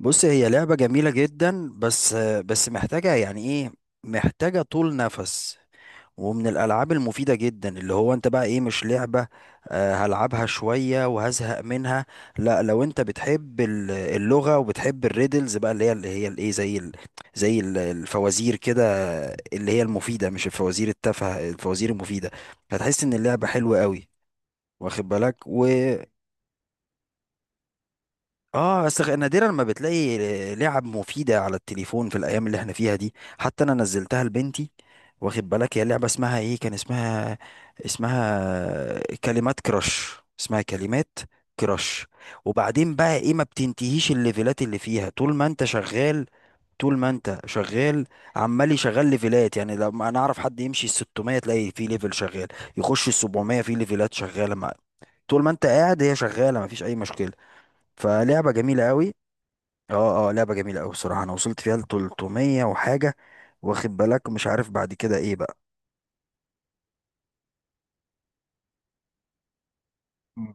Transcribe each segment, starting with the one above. بص، هي لعبة جميلة جدا. بس محتاجة، يعني، ايه، محتاجة طول نفس. ومن الألعاب المفيدة جدا، اللي هو انت بقى ايه، مش لعبة. آه، هلعبها شوية وهزهق منها. لا، لو انت بتحب اللغة وبتحب الريدلز بقى، اللي هي الايه، زي الفوازير كده. اللي هي المفيدة، مش الفوازير التافهة، الفوازير المفيدة. هتحس ان اللعبة حلوة قوي، واخد بالك. اه، بس نادرا ما بتلاقي لعب مفيدة على التليفون في الأيام اللي احنا فيها دي. حتى أنا نزلتها لبنتي، واخد بالك. هي لعبة اسمها ايه، كان اسمها، اسمها كلمات كراش. اسمها كلمات كراش. وبعدين بقى ايه، ما بتنتهيش الليفلات اللي فيها طول ما انت شغال. طول ما انت شغال عمال يشغل ليفلات. يعني لما انا اعرف حد يمشي ال 600، تلاقي فيه ليفل شغال، يخش ال 700 فيه ليفلات شغالة. مع طول ما انت قاعد، هي شغالة، مفيش اي مشكلة. فلعبة جميلة قوي. اه اه، لعبة جميلة أوي بصراحة. أنا وصلت فيها لتلتمية وحاجة، واخد بالك. مش عارف بعد كده إيه بقى. مم.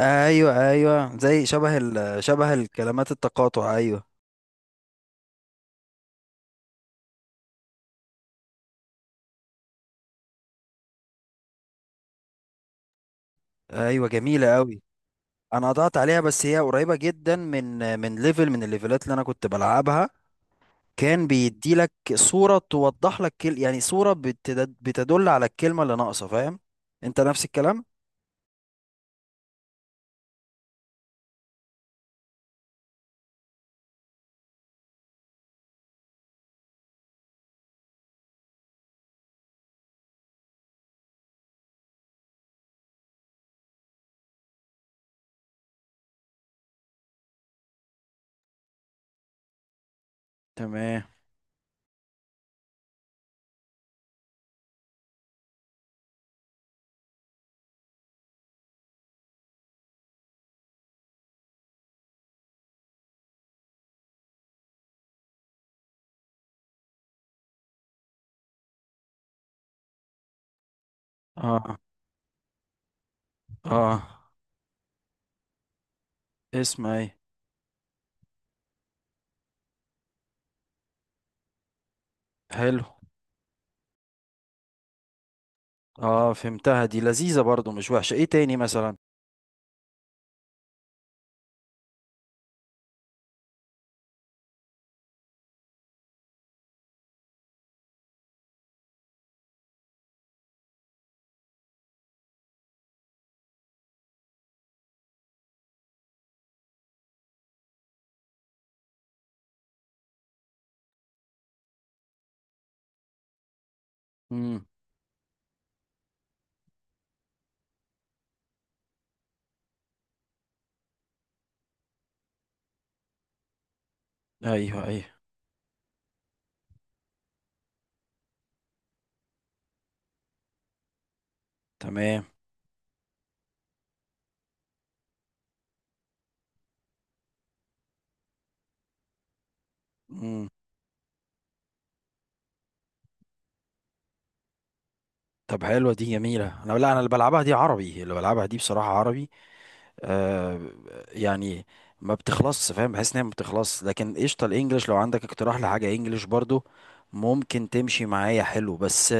أيوة أيوة، زي شبه الكلمات التقاطع. أيوة أيوة، جميلة أوي. أنا قطعت عليها، بس هي قريبة جدا من ليفل، من الليفلات اللي أنا كنت بلعبها. كان بيدي لك صورة توضح لك كل، يعني، صورة بتدل على الكلمة اللي ناقصة، فاهم. أنت نفس الكلام؟ تمام. اه اه. اسم ايه. حلو. اه، فهمتها. دي لذيذة برضو، مش وحشة. ايه تاني مثلا؟ امم. ايوه ايوه. تمام. امم. طب حلوة دي، جميلة. انا، لا، انا اللي بلعبها دي عربي، اللي بلعبها دي بصراحة عربي. آه. يعني ما بتخلصش، فاهم، بحس انها ما بتخلصش. لكن قشطة، الانجليش لو عندك اقتراح لحاجة انجليش برضو، ممكن تمشي معايا. حلو. بس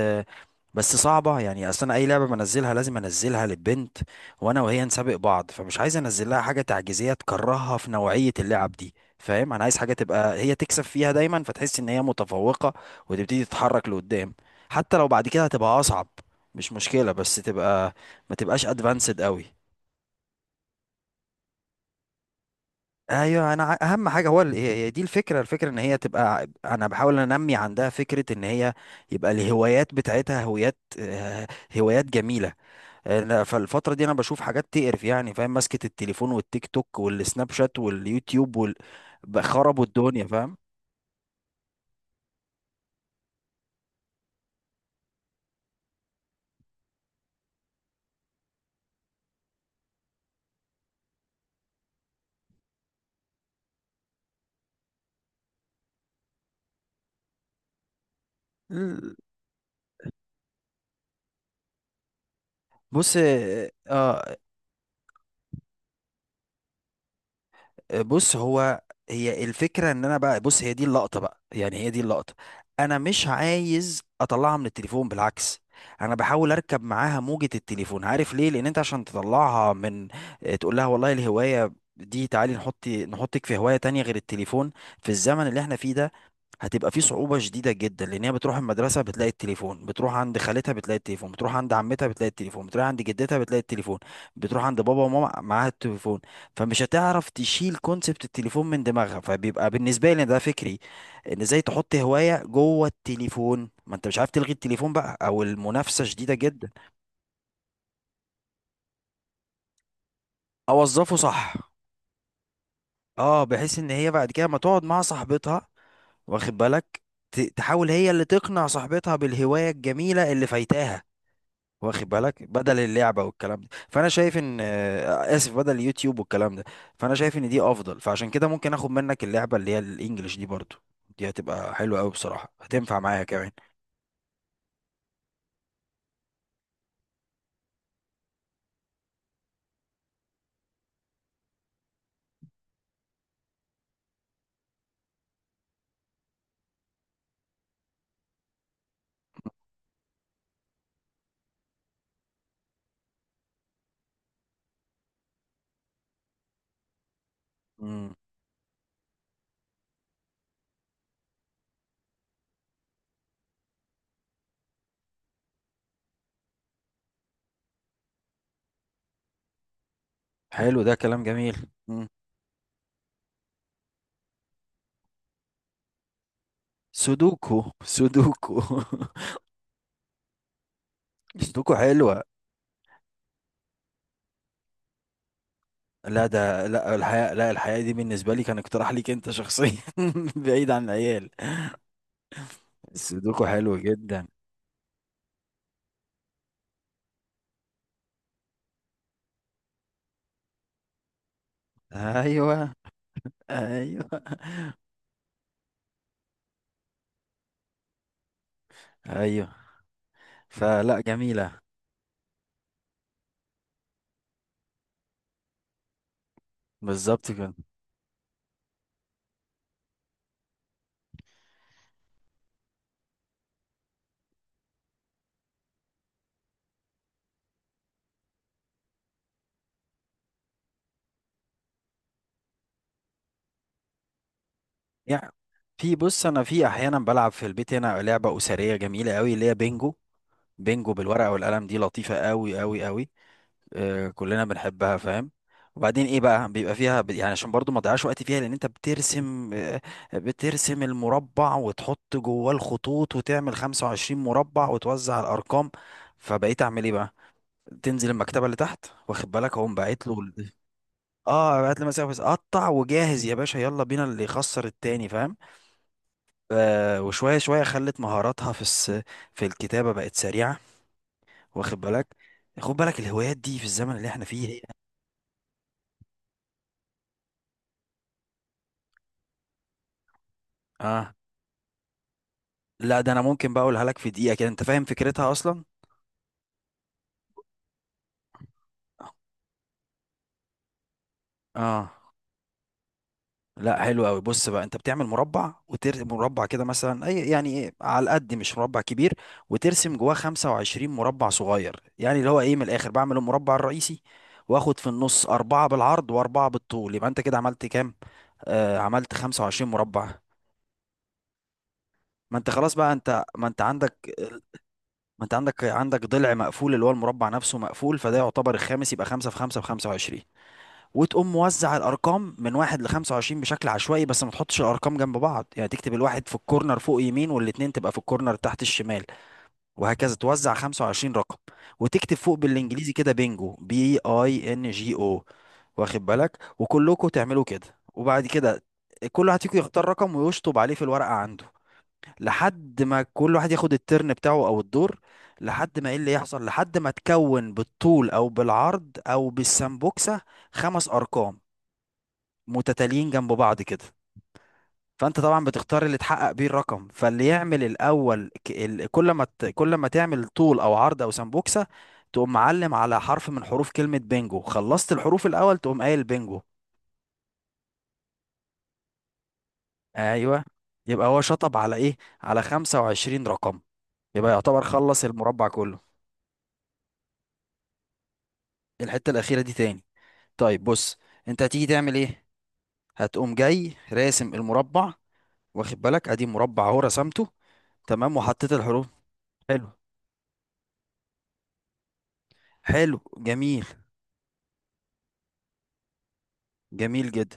بس صعبة، يعني اصل انا اي لعبة بنزلها لازم انزلها للبنت، وانا وهي نسابق بعض. فمش عايز انزل لها حاجة تعجيزية تكرهها في نوعية اللعب دي، فاهم. انا عايز حاجة تبقى هي تكسب فيها دايما، فتحس ان هي متفوقة، وتبتدي تتحرك لقدام. حتى لو بعد كده هتبقى اصعب، مش مشكلة، بس تبقى ما تبقاش ادفانسد قوي. ايوه. انا اهم حاجه هو هي دي الفكره. الفكره ان هي تبقى، انا بحاول انمي عندها فكره ان هي، يبقى الهوايات بتاعتها هوايات، هوايات جميله. أنا فالفترة دي انا بشوف حاجات تقرف، يعني فاهم، ماسكة التليفون والتيك توك والسناب شات واليوتيوب وال... بقى خربوا الدنيا، فاهم. ال- بص اه بص، هو هي الفكرة ان انا بقى، بص، هي دي اللقطة بقى، يعني هي دي اللقطة. انا مش عايز اطلعها من التليفون، بالعكس، انا بحاول اركب معاها موجة التليفون. عارف ليه؟ لان انت عشان تطلعها من، تقول لها والله الهواية دي تعالي نحط، نحطك في هواية تانية غير التليفون، في الزمن اللي احنا فيه ده هتبقى في صعوبة شديدة جدا. لأن هي بتروح المدرسة بتلاقي التليفون، بتروح عند خالتها بتلاقي التليفون، بتروح عند عمتها بتلاقي التليفون، بتروح عند جدتها بتلاقي التليفون، بتروح عند بابا وماما معاها التليفون. فمش هتعرف تشيل كونسبت التليفون من دماغها. فبيبقى بالنسبة لي ده فكري، إن إزاي تحط هواية جوه التليفون، ما أنت مش عارف تلغي التليفون بقى، أو المنافسة شديدة جدا. أوظفه صح. أه، بحيث إن هي بعد كده ما تقعد مع صاحبتها، واخد بالك، تحاول هي اللي تقنع صاحبتها بالهواية الجميلة اللي فايتاها، واخد بالك، بدل اللعبه والكلام ده. فانا شايف ان، اسف، بدل اليوتيوب والكلام ده. فانا شايف ان دي افضل. فعشان كده ممكن اخد منك اللعبه اللي هي الانجليش دي برضو، دي هتبقى حلوه قوي بصراحه، هتنفع معايا كمان. امم. حلو، ده كلام جميل. امم. سودوكو سودوكو. سودوكو حلوه. لا، ده، لا الحياة، لا الحياة دي بالنسبة لي كان اقتراح ليك انت شخصيا. بعيد عن العيال. السودوكو حلو جدا. ايوه ايوه ايوه. فلا، جميلة. بالظبط كده. يعني في، بص، انا في احيانا بلعب في البيت هنا لعبه اسريه جميله قوي، اللي هي بينجو. بينجو بالورقه والقلم، دي لطيفه قوي قوي قوي. آه، كلنا بنحبها، فاهم. وبعدين ايه بقى، بيبقى فيها يعني، عشان برضو ما تضيعش وقت فيها، لان انت بترسم المربع، وتحط جواه الخطوط، وتعمل 25 مربع، وتوزع الارقام. فبقيت اعمل ايه بقى، تنزل المكتبه اللي تحت، واخد بالك، اقوم باعت له اه، بعت له مسافه قطع وجاهز يا باشا، يلا بينا، اللي يخسر التاني، فاهم. وشوية شوية خلت مهاراتها في الكتابة بقت سريعة، واخد بالك. خد بالك، الهوايات دي في الزمن اللي احنا فيه هي. اه. لا، ده انا ممكن بقى اقولها لك في دقيقة كده، انت فاهم فكرتها اصلا. اه. لا، حلو قوي. بص بقى، انت بتعمل مربع، وترسم مربع كده مثلا، اي يعني ايه، على قد، مش مربع كبير، وترسم جواه 25 مربع صغير. يعني اللي هو ايه، من الاخر، بعمل المربع الرئيسي، واخد في النص أربعة بالعرض وأربعة بالطول. يبقى أنت كده عملت كام؟ آه، عملت 25 مربع. ما انت خلاص بقى، انت ما انت عندك ضلع مقفول، اللي هو المربع نفسه مقفول، فده يعتبر الخامس. يبقى خمسة في خمسة في 25. وتقوم موزع الارقام من واحد ل 25 بشكل عشوائي، بس ما تحطش الارقام جنب بعض. يعني تكتب الواحد في الكورنر فوق يمين، والاتنين تبقى في الكورنر تحت الشمال، وهكذا توزع 25 رقم. وتكتب فوق بالانجليزي كده بينجو، BINGO، واخد بالك. وكلكم تعملوا كده. وبعد كده كل واحد فيكم يختار رقم ويشطب عليه في الورقة عنده، لحد ما كل واحد ياخد الترن بتاعه او الدور. لحد ما ايه اللي يحصل، لحد ما تكون بالطول او بالعرض او بالسمبوكسة خمس ارقام متتاليين جنب بعض كده. فانت طبعا بتختار اللي تحقق بيه الرقم. فاللي يعمل الاول، كل ما تعمل طول او عرض او سمبوكسة، تقوم معلم على حرف من حروف كلمة بينجو. خلصت الحروف الاول، تقوم قايل بينجو. ايوه. يبقى هو شطب على ايه، على 25 رقم. يبقى يعتبر خلص المربع كله. الحتة الأخيرة دي تاني. طيب، بص، انت هتيجي تعمل ايه، هتقوم جاي راسم المربع، واخد بالك. ادي مربع اهو، رسمته. تمام، وحطيت الحروف. حلو. حلو جميل. جميل جدا.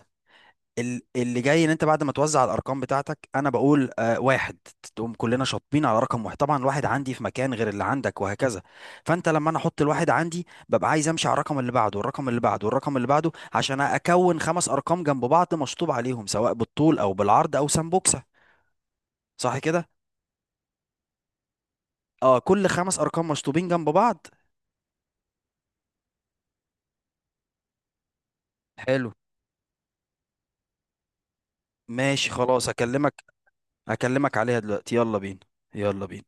اللي جاي ان انت بعد ما توزع الارقام بتاعتك، انا بقول آه واحد، تقوم كلنا شاطبين على رقم واحد. طبعا الواحد عندي في مكان غير اللي عندك، وهكذا. فانت لما انا احط الواحد عندي، ببقى عايز امشي على الرقم اللي بعده والرقم اللي بعده والرقم اللي بعده، عشان اكون خمس ارقام جنب بعض مشطوب عليهم، سواء بالطول او بالعرض او سمبوكسة. صح كده. اه، كل خمس ارقام مشطوبين جنب بعض. حلو. ماشي خلاص، اكلمك عليها دلوقتي. يلا بينا. يلا بينا.